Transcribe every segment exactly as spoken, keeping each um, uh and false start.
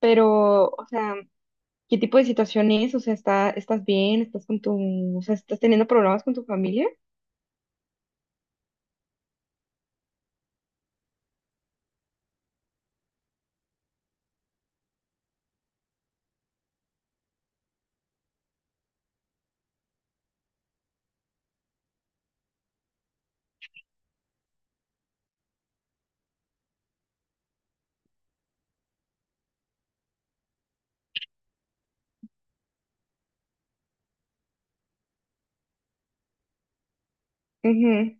Pero, o sea, ¿qué tipo de situación es? O sea, ¿está, estás bien? ¿Estás con tu, o sea, estás teniendo problemas con tu familia? Ujú.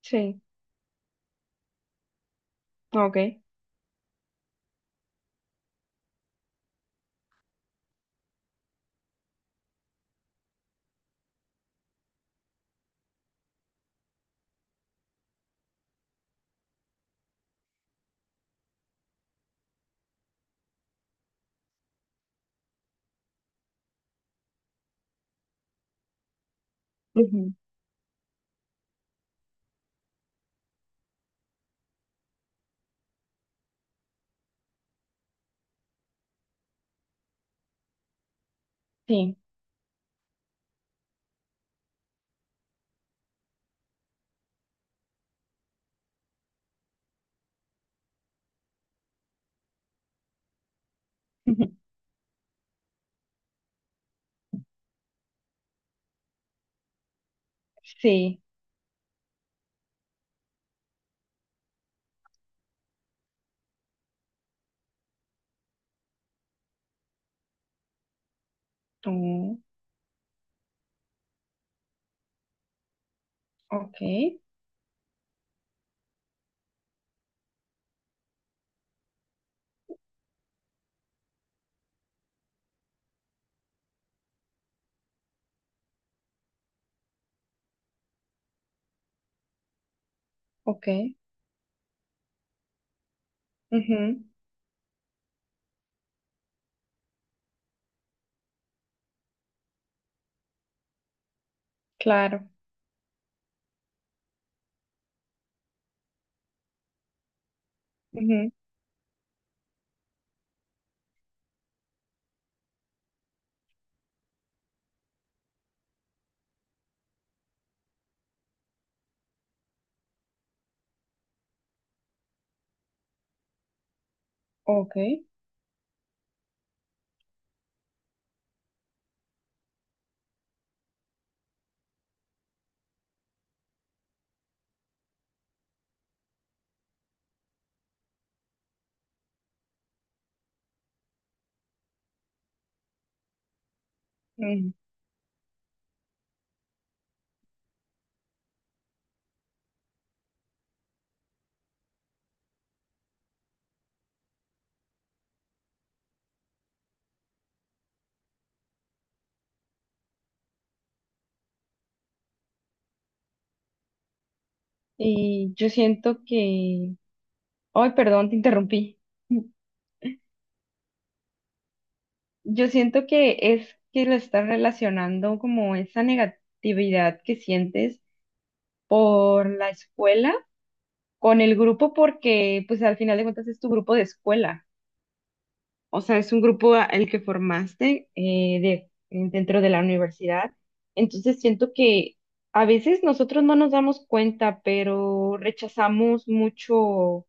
Sí, ok. Ujú. Sí, ujú, sí. Mm. Ok, ok. Ujú. Claro. Ujú. Ok. Ujú. Y yo siento que. Ay, perdón, te interrumpí. Yo siento que es que lo estás relacionando como esa negatividad que sientes por la escuela, con el grupo porque pues al final de cuentas es tu grupo de escuela, o sea, es un grupo a- el que formaste eh, de, dentro de la universidad. Entonces siento que a veces nosotros no nos damos cuenta, pero rechazamos mucho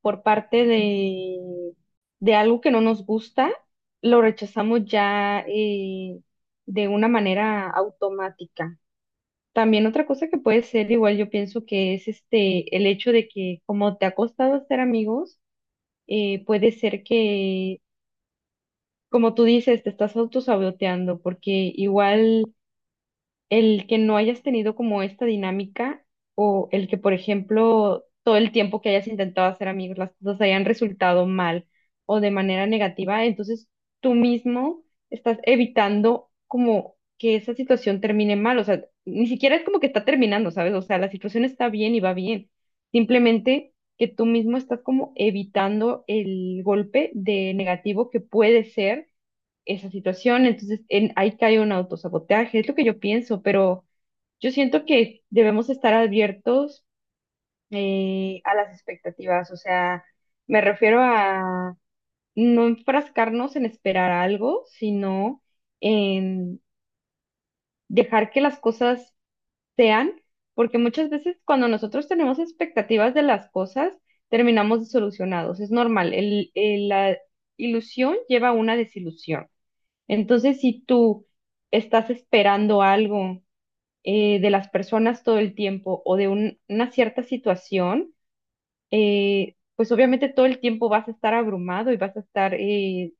por parte de, de algo que no nos gusta, lo rechazamos ya eh, de una manera automática. También otra cosa que puede ser, igual yo pienso que es este, el hecho de que como te ha costado hacer amigos, eh, puede ser que, como tú dices, te estás autosaboteando, porque igual el que no hayas tenido como esta dinámica o el que, por ejemplo, todo el tiempo que hayas intentado hacer amigos, las cosas hayan resultado mal o de manera negativa, entonces tú mismo estás evitando como que esa situación termine mal, o sea, ni siquiera es como que está terminando, ¿sabes? O sea, la situación está bien y va bien, simplemente que tú mismo estás como evitando el golpe de negativo que puede ser esa situación. Entonces, en- ahí cae un autosabotaje, es lo que yo pienso, pero yo siento que debemos estar abiertos eh, a las expectativas, o sea, me refiero a no enfrascarnos en esperar algo, sino en dejar que las cosas sean, porque muchas veces cuando nosotros tenemos expectativas de las cosas, terminamos desilusionados, es normal, el, el- la ilusión lleva a una desilusión. Entonces, si tú estás esperando algo eh, de las personas todo el tiempo o de un- una cierta situación, eh, pues obviamente todo el tiempo vas a estar abrumado y vas a estar eh,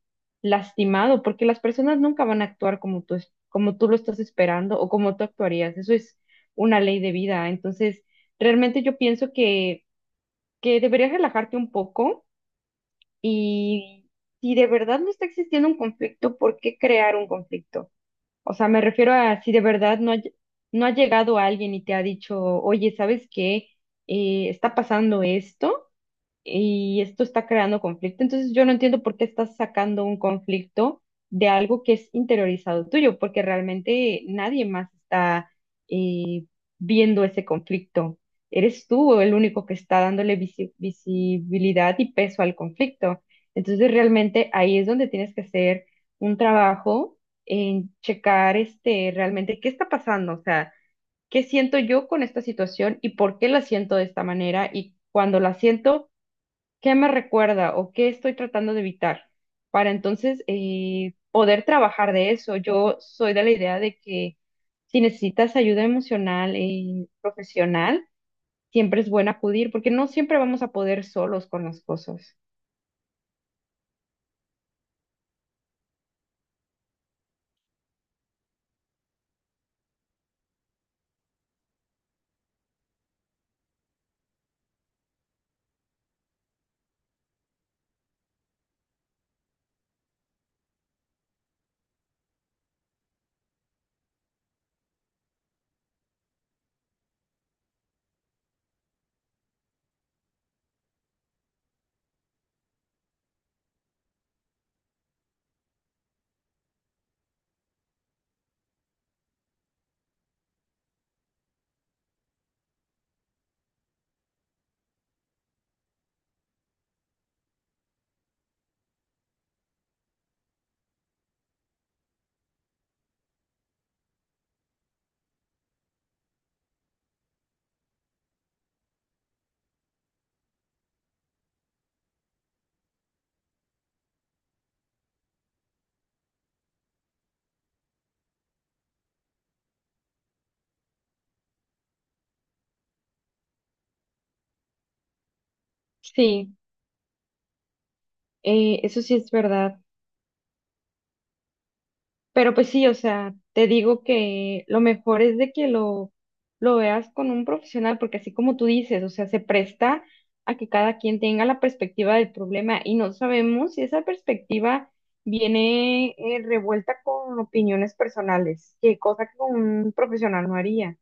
lastimado porque las personas nunca van a actuar como tú, es- como tú lo estás esperando o como tú actuarías. Eso es una ley de vida. Entonces, realmente yo pienso que, que deberías relajarte un poco y si de verdad no está existiendo un conflicto, ¿por qué crear un conflicto? O sea, me refiero a si de verdad no ha, lle- no ha llegado alguien y te ha dicho, oye, ¿sabes qué? Eh, está pasando esto y esto está creando conflicto. Entonces yo no entiendo por qué estás sacando un conflicto de algo que es interiorizado tuyo, porque realmente nadie más está eh, viendo ese conflicto. Eres tú el único que está dándole visi- visibilidad y peso al conflicto. Entonces realmente ahí es donde tienes que hacer un trabajo en checar este realmente qué está pasando, o sea, qué siento yo con esta situación y por qué la siento de esta manera y cuando la siento qué me recuerda o qué estoy tratando de evitar para entonces eh, poder trabajar de eso. Yo soy de la idea de que si necesitas ayuda emocional y profesional, siempre es bueno acudir porque no siempre vamos a poder solos con las cosas. Sí, eh, eso sí es verdad. Pero pues sí, o sea, te digo que lo mejor es de que lo, lo veas con un profesional, porque así como tú dices, o sea, se presta a que cada quien tenga la perspectiva del problema y no sabemos si esa perspectiva viene eh, revuelta con opiniones personales, que cosa que un profesional no haría.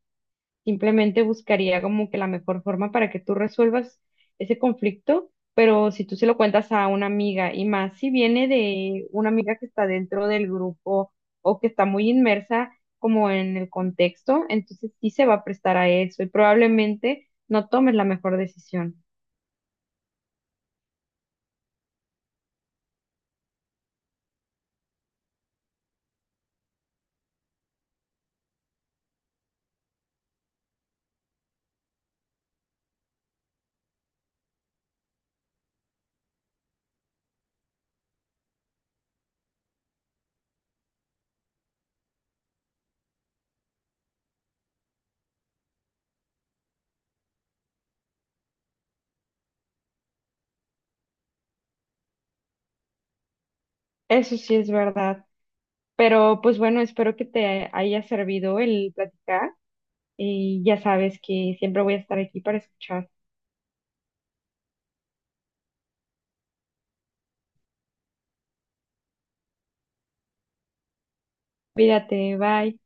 Simplemente buscaría como que la mejor forma para que tú resuelvas ese conflicto, pero si tú se lo cuentas a una amiga y más si viene de una amiga que está dentro del grupo o que está muy inmersa como en el contexto, entonces sí se va a prestar a eso y probablemente no tomes la mejor decisión. Eso sí es verdad, pero pues bueno, espero que te haya servido el platicar y ya sabes que siempre voy a estar aquí para escuchar. Cuídate, bye.